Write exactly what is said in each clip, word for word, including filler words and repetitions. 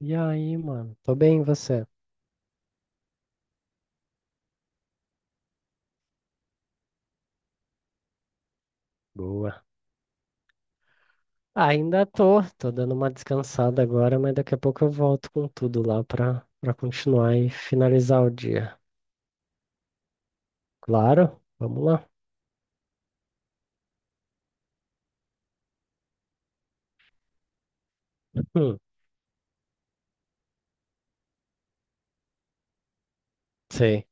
E aí, mano? Tô bem, e você? Boa. Ainda tô, tô dando uma descansada agora, mas daqui a pouco eu volto com tudo lá pra, pra continuar e finalizar o dia. Claro, vamos lá. Hum, sei.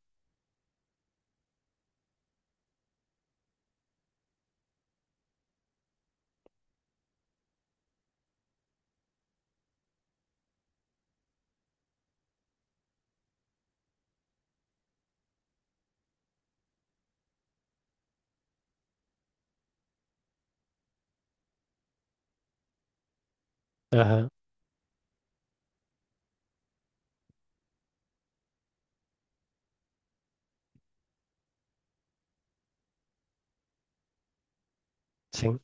Aham, sim.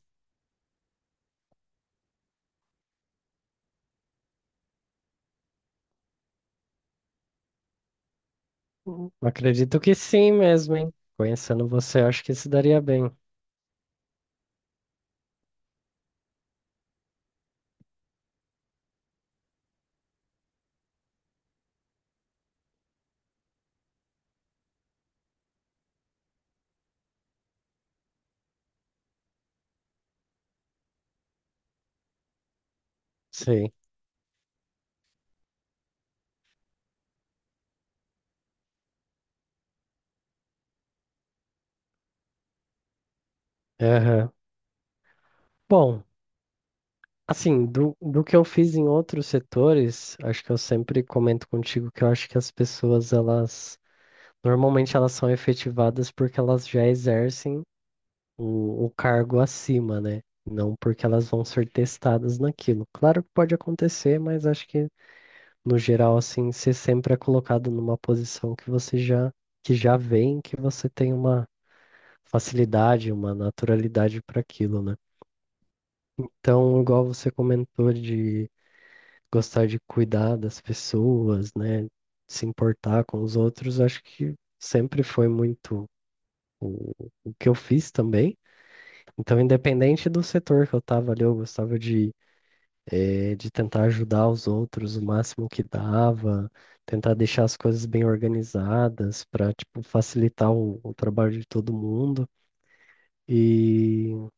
Hum, Acredito que sim mesmo, hein? Conhecendo você, acho que se daria bem. Sei. Aham. Bom, assim, do, do que eu fiz em outros setores, acho que eu sempre comento contigo que eu acho que as pessoas, elas. Normalmente elas são efetivadas porque elas já exercem o, o cargo acima, né? Não porque elas vão ser testadas naquilo. Claro que pode acontecer, mas acho que no geral, assim, você sempre é colocado numa posição que você já que já vem, que você tem uma facilidade, uma naturalidade para aquilo, né? Então, igual você comentou de gostar de cuidar das pessoas, né? Se importar com os outros, acho que sempre foi muito o, o que eu fiz também. Então, independente do setor que eu estava ali, eu gostava de, eh, de tentar ajudar os outros o máximo que dava, tentar deixar as coisas bem organizadas para, tipo, facilitar o, o trabalho de todo mundo. E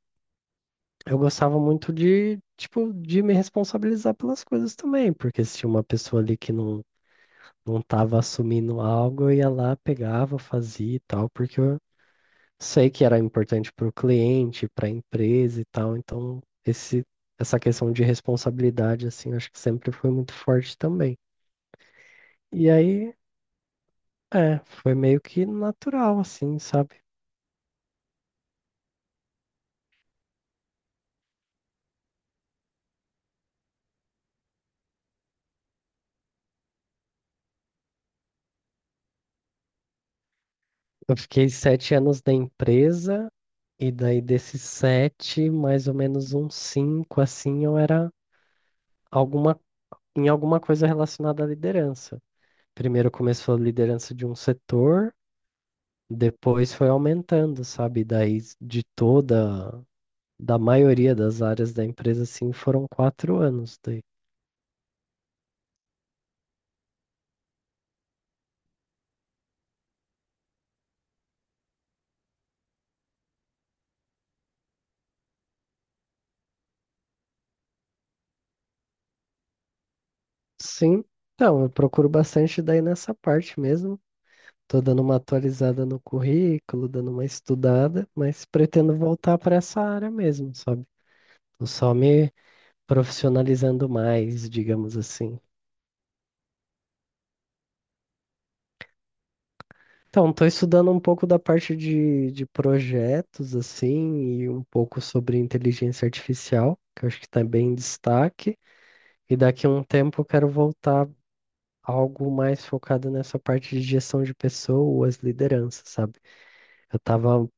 eu gostava muito de, tipo, de me responsabilizar pelas coisas também, porque se tinha uma pessoa ali que não, não estava assumindo algo, eu ia lá, pegava, fazia e tal, porque eu sei que era importante para o cliente, para a empresa e tal, então esse, essa questão de responsabilidade, assim, acho que sempre foi muito forte também. E aí, é, foi meio que natural, assim, sabe? Eu fiquei sete anos na empresa, e daí desses sete, mais ou menos uns cinco, assim, eu era alguma, em alguma coisa relacionada à liderança. Primeiro começou a liderança de um setor, depois foi aumentando, sabe? Daí de toda da maioria das áreas da empresa, assim, foram quatro anos daí. Sim, então, eu procuro bastante daí nessa parte mesmo. Tô dando uma atualizada no currículo, dando uma estudada, mas pretendo voltar para essa área mesmo, sabe? Tô só me profissionalizando mais, digamos assim. Então, tô estudando um pouco da parte de, de projetos, assim, e um pouco sobre inteligência artificial, que eu acho que está bem em destaque. E daqui a um tempo eu quero voltar algo mais focado nessa parte de gestão de pessoas, liderança, sabe? Eu tava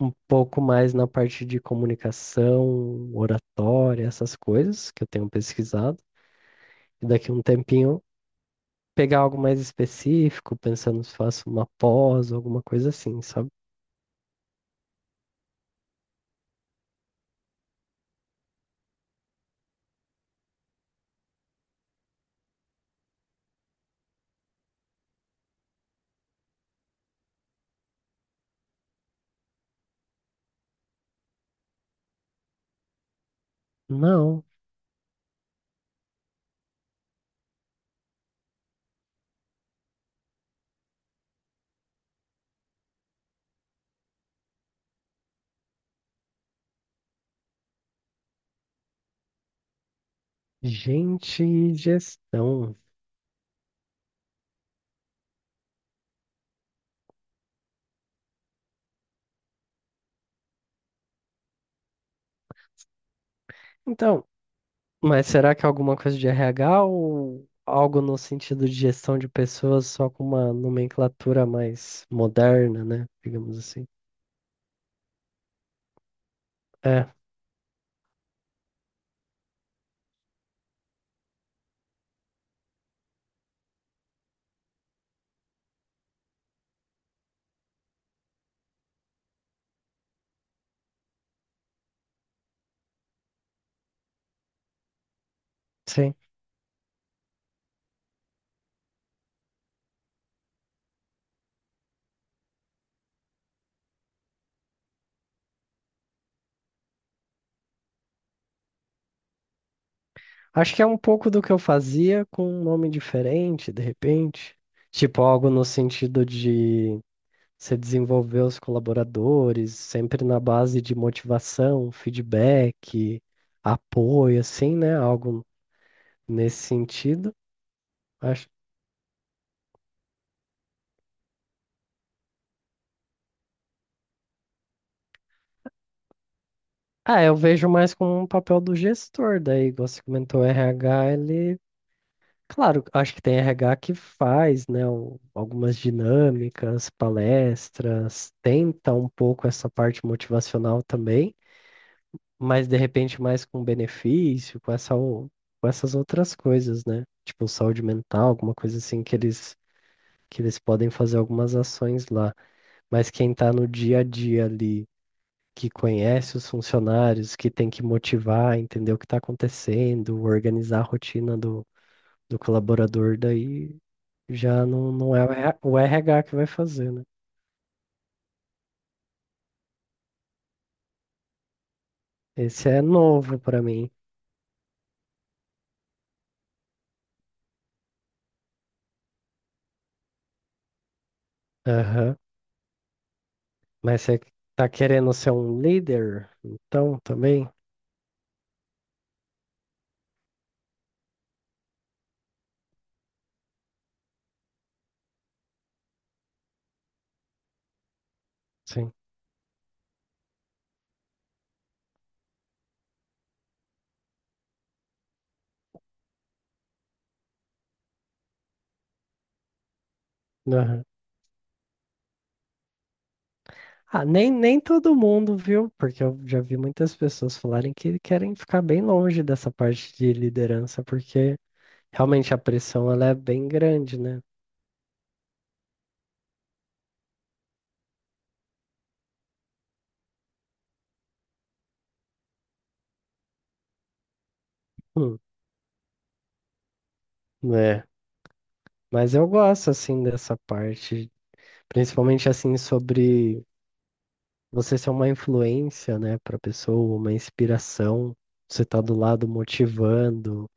um pouco mais na parte de comunicação, oratória, essas coisas que eu tenho pesquisado. E daqui a um tempinho pegar algo mais específico, pensando se faço uma pós, alguma coisa assim, sabe? Não, gente, e gestão. Então, Mas será que é alguma coisa de R H ou algo no sentido de gestão de pessoas só com uma nomenclatura mais moderna, né? Digamos assim. É, sim. Acho que é um pouco do que eu fazia com um nome diferente, de repente. Tipo, algo no sentido de você desenvolver os colaboradores, sempre na base de motivação, feedback, apoio, assim, né? Algo nesse sentido. Acho. Ah, eu vejo mais como um papel do gestor, daí, igual você comentou, o R H, ele, claro, acho que tem R H que faz, né, um- algumas dinâmicas, palestras, tenta um pouco essa parte motivacional também, mas de repente mais com benefício, com essa, o- com essas outras coisas, né? Tipo saúde mental, alguma coisa assim que eles que eles podem fazer algumas ações lá, mas quem tá no dia a dia ali que conhece os funcionários, que tem que motivar, entender o que está acontecendo, organizar a rotina do, do colaborador, daí já não, não é o R H o R H que vai fazer, né? Esse é novo para mim. Aham. Mas você tá querendo ser um líder? Então, também? Sim. Aham. Ah, nem, nem todo mundo, viu? Porque eu já vi muitas pessoas falarem que querem ficar bem longe dessa parte de liderança, porque realmente a pressão ela é bem grande, né? Né? Mas eu gosto, assim, dessa parte, principalmente, assim, sobre você ser uma influência, né, para pessoa, uma inspiração, você tá do lado motivando,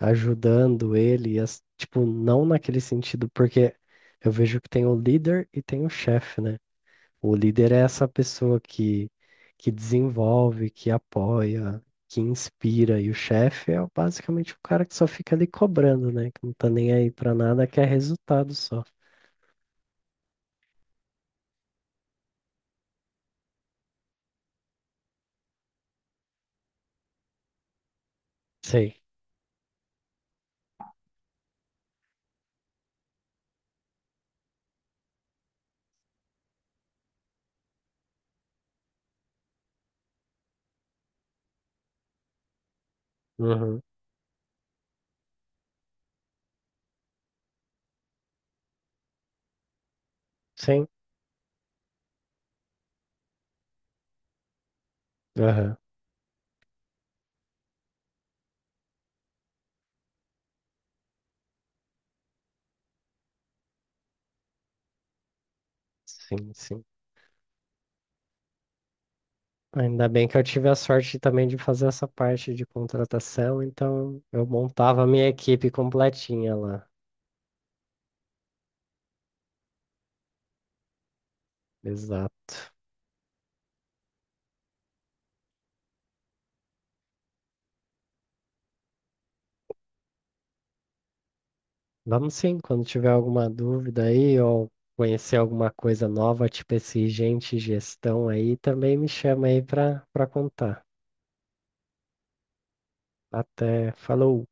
ajudando ele, e as- tipo, não naquele sentido, porque eu vejo que tem o líder e tem o chefe, né? O líder é essa pessoa que, que desenvolve, que apoia, que inspira, e o chefe é basicamente o cara que só fica ali cobrando, né? Que não tá nem aí pra nada, quer resultado só. Sei. Uhum. Sim. Aham. Sim, sim. Ainda bem que eu tive a sorte também de fazer essa parte de contratação, então eu montava a minha equipe completinha lá. Exato. Vamos sim, quando tiver alguma dúvida aí ou conhecer alguma coisa nova, tipo esse gente gestão aí, também me chama aí para para contar. Até, falou.